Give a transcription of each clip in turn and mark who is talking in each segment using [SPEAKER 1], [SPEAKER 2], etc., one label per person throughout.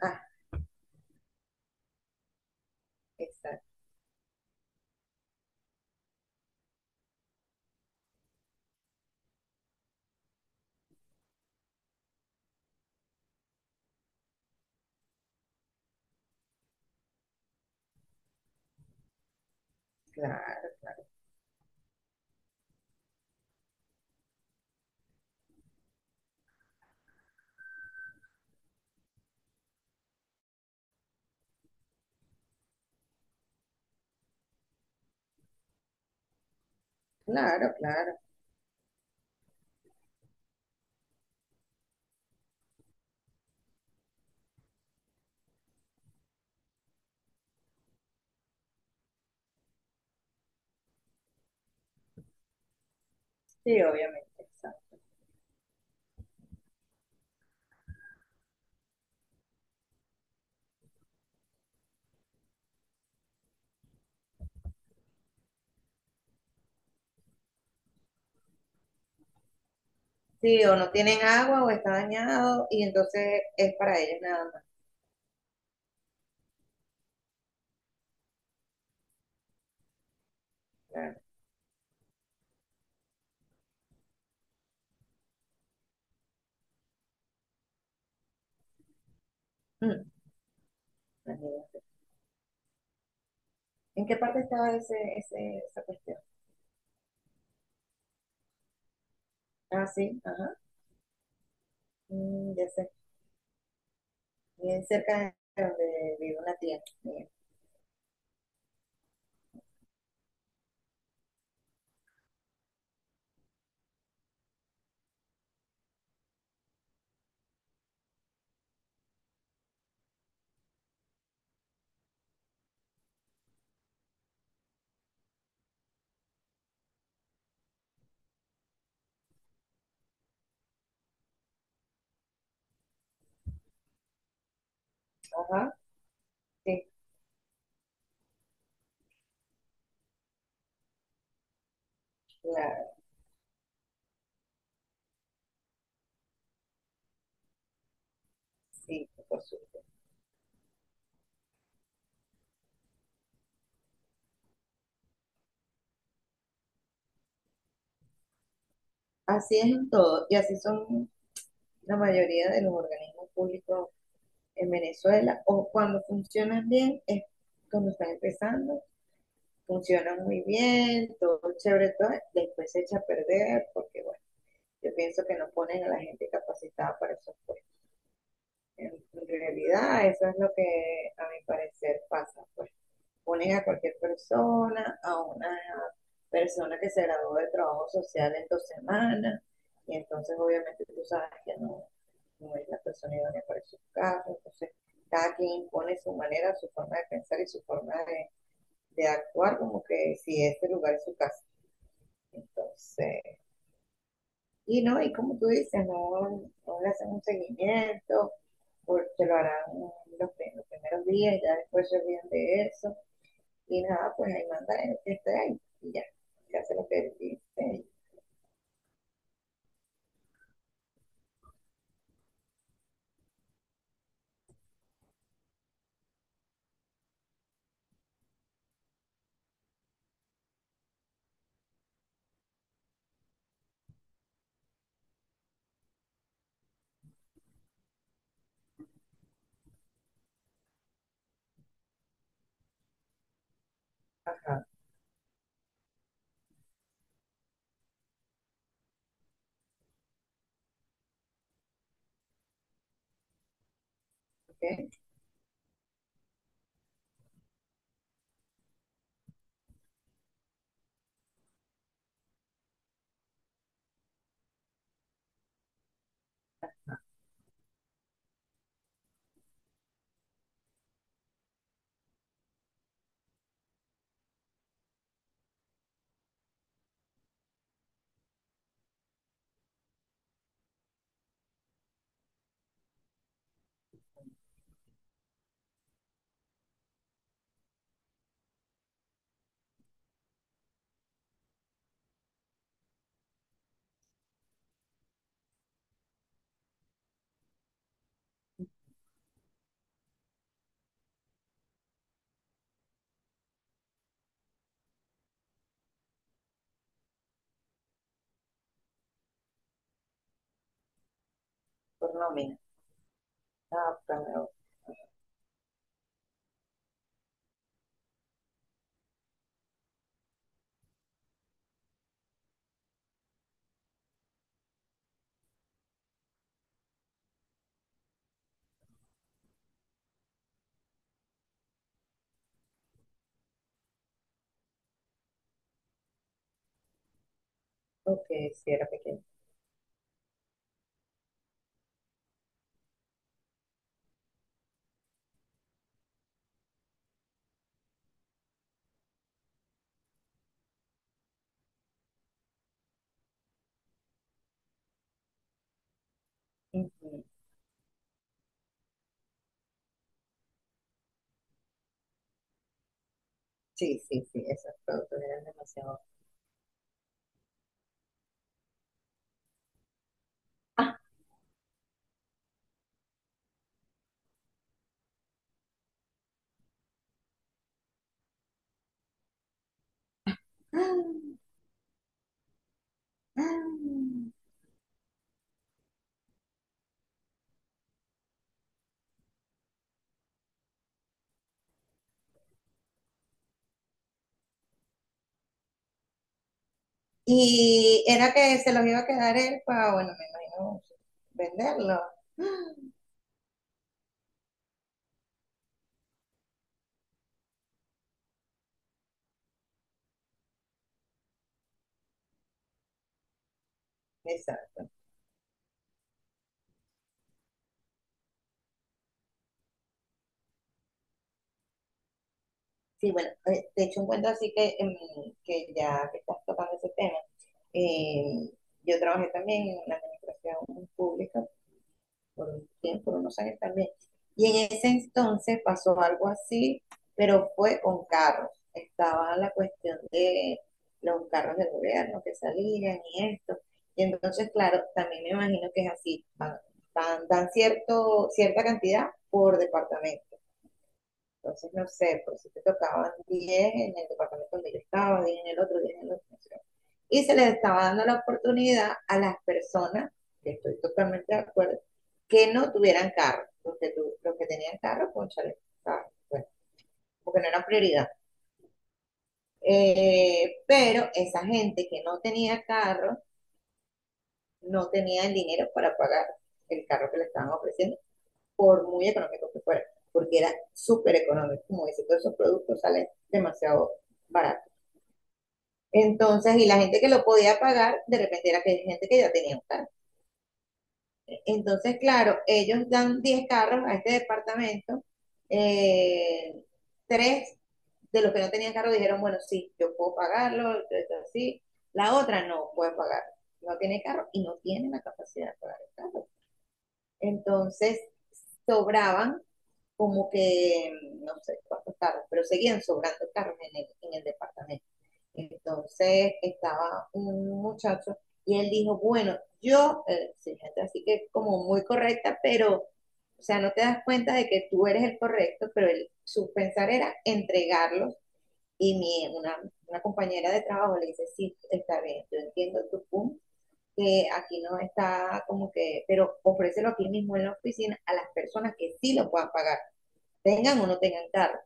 [SPEAKER 1] Ah, exacto, claro, claro, claro. Sí, obviamente, exacto. Sí, o no tienen agua o está dañado y entonces es para ellos nada más. Claro. Mm, Imagínate. ¿En qué parte estaba esa cuestión? Ah, sí, ajá. Ya sé. Bien cerca de donde vive una tía mía. Ajá, sí, claro, sí, por supuesto. Así es en todo y así son la mayoría de los organismos públicos en Venezuela, o cuando funcionan bien es cuando están empezando, funciona muy bien, todo chévere, todo; después se echa a perder porque, bueno, yo pienso que no ponen a la gente capacitada para esos puestos. En realidad, eso es lo que a mi parecer pasa, pues ponen a cualquier persona, a una persona que se graduó de trabajo social en 2 semanas, y entonces obviamente tú sabes que no, no es la persona idónea para esos casos. Entonces cada quien impone su manera, su forma de pensar y su forma de actuar como que si este lugar es su casa. Entonces, y no, y como tú dices, no, no le hacen un seguimiento, porque lo harán los, prim- los primeros días, ya después se olvidan de eso, y nada, pues ahí manda el que esté ahí, y ya, se hace lo que dice. Ajá, ok, por nómina, ah, claro, ok, si era pequeño. Ujú. Sí, sí, sí, esos productos eran demasiado. Ah, ah, ah. Y era que se los iba a quedar él para, bueno, me imagino, venderlo. Exacto. Sí, bueno, de hecho, un cuento así que, que ya que estás tocando ese tema. eh, yo trabajé también en la administración pública por un tiempo, por unos años también. Y en ese entonces pasó algo así, pero fue con carros. Estaba la cuestión de los carros del gobierno que salían y esto. Y entonces, claro, también me imagino que es así. Dan cierta cantidad por departamento. Entonces, no sé, por si te tocaban 10 en el departamento donde yo estaba, 10 en el otro, 10 en el otro. No. Y se les estaba dando la oportunidad a las personas, que estoy totalmente de acuerdo, que no tuvieran carro. Los que los que tenían carro, cónchale, ah, bueno, porque no era prioridad. Pero esa gente que no tenía carro, no tenía el dinero para pagar el carro que le estaban ofreciendo, por muy económico que fuera, porque era súper económico. Como dice, todos esos productos salen demasiado baratos. Entonces, y la gente que lo podía pagar, de repente era que hay gente que ya tenía un carro. Entonces, claro, ellos dan 10 carros a este departamento. eh, Tres de los que no tenían carro dijeron, bueno, sí, yo puedo pagarlo, esto así. La otra no puede pagar, no tiene carro y no tiene la capacidad de pagar el carro. Entonces, sobraban como que, no sé cuántos carros, pero seguían sobrando carros en en el departamento. Entonces estaba un muchacho y él dijo, bueno, yo, sí, gente así que como muy correcta, pero, o sea, no te das cuenta de que tú eres el correcto, pero él, su pensar era entregarlos, y una compañera de trabajo le dice, sí, está bien, yo entiendo tu punto, que aquí no está como que, pero ofrécelo aquí mismo en la oficina a las personas que sí lo puedan pagar, tengan o no tengan carro.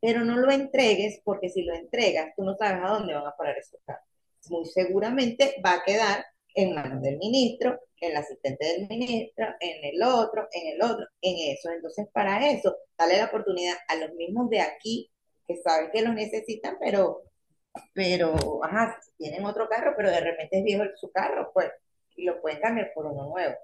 [SPEAKER 1] Pero no lo entregues, porque si lo entregas, tú no sabes a dónde van a parar esos carros. Muy seguramente va a quedar en manos del ministro, en el asistente del ministro, en el otro, en el otro, en eso. Entonces, para eso, dale la oportunidad a los mismos de aquí que saben que los necesitan, pero, ajá, si tienen otro carro, pero de repente es viejo su carro, pues, y lo pueden cambiar por uno nuevo.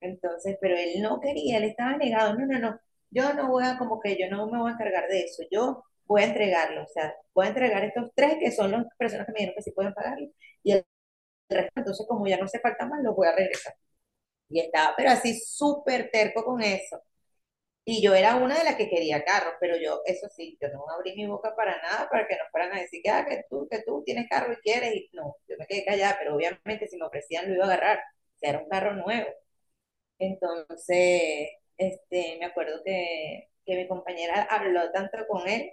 [SPEAKER 1] Entonces, pero él no quería, él estaba negado, no, no, no, yo no voy a, como que yo no me voy a encargar de eso, yo voy a entregarlo, o sea, voy a entregar estos tres que son las personas que me dijeron que sí pueden pagarlo, y el resto, entonces como ya no se falta más, los voy a regresar. Y estaba, pero así súper terco con eso. Y yo era una de las que quería carros, pero yo, eso sí, yo no abrí mi boca para nada, para que no fueran a decir que, ah, que tú tienes carro y quieres, y no, yo me quedé callada, pero obviamente si me ofrecían lo iba a agarrar, o sea, era un carro nuevo. Entonces, me acuerdo que mi compañera habló tanto con él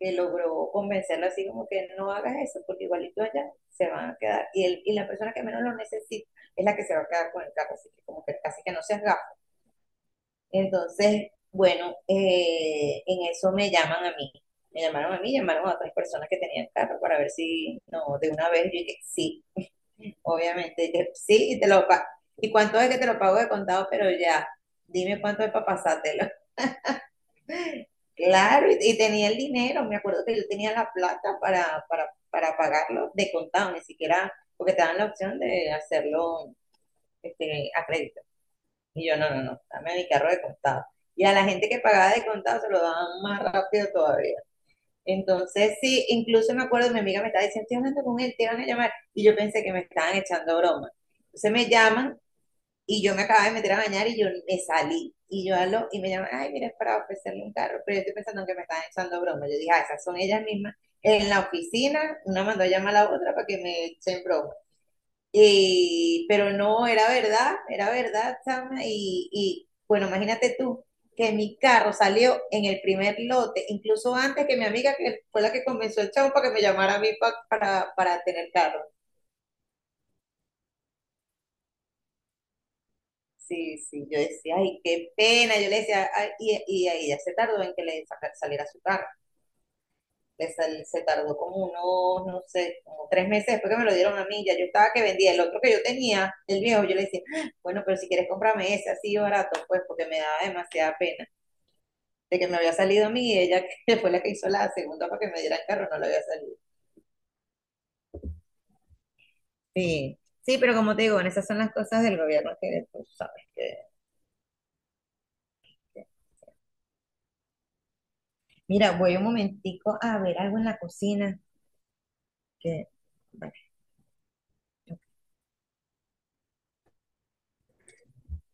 [SPEAKER 1] que logró convencerlo así como que no hagas eso, porque igualito allá se van a quedar. Y la persona que menos lo necesita es la que se va a quedar con el carro, así que como que casi que no seas gafo. Entonces, bueno, en eso me llaman a mí. Me llamaron a mí, llamaron a otras personas que tenían carro para ver si, no, de una vez yo dije, sí, obviamente. ¿Y cuánto es que te lo pago de contado? Pero ya, dime cuánto es para pasártelo. Claro, y tenía el dinero, me acuerdo que yo tenía la plata para para pagarlo de contado, ni siquiera, porque te dan la opción de hacerlo, a crédito. Y yo, no, no, no, dame mi carro de contado. Y a la gente que pagaba de contado se lo daban más rápido todavía. Entonces, sí, incluso me acuerdo, mi amiga me estaba diciendo, estoy hablando con él, te van a llamar. Y yo pensé que me estaban echando broma. Entonces me llaman. Y yo me acababa de meter a bañar y yo me salí. Y yo hablo y me llaman, ay, mira, es para ofrecerle un carro. Pero yo estoy pensando que me están echando broma. Yo dije, ah, esas son ellas mismas. En la oficina, una mandó a llamar a la otra para que me echen broma. Y pero no, era verdad, Chama. Y bueno, imagínate tú que mi carro salió en el primer lote, incluso antes que mi amiga, que fue la que convenció el chavo para que me llamara a mí para tener carro. Sí, sí, yo decía, ay, qué pena. Yo le decía, ay, y ahí ya se tardó en que le saliera su carro. Se tardó como unos, no sé, como 3 meses después que me lo dieron a mí. Ya yo estaba que vendía el otro que yo tenía, el viejo. Yo le decía, "Ah, bueno, pero si quieres cómprame ese así barato, pues", porque me daba demasiada pena de que me había salido a mí y ella que fue la que hizo la segunda para que me diera el carro, no le había salido. Sí, sí, pero como te digo, bueno, esas son las cosas del gobierno que tú sabes que. Mira, voy un momentico a ver algo en la cocina. Que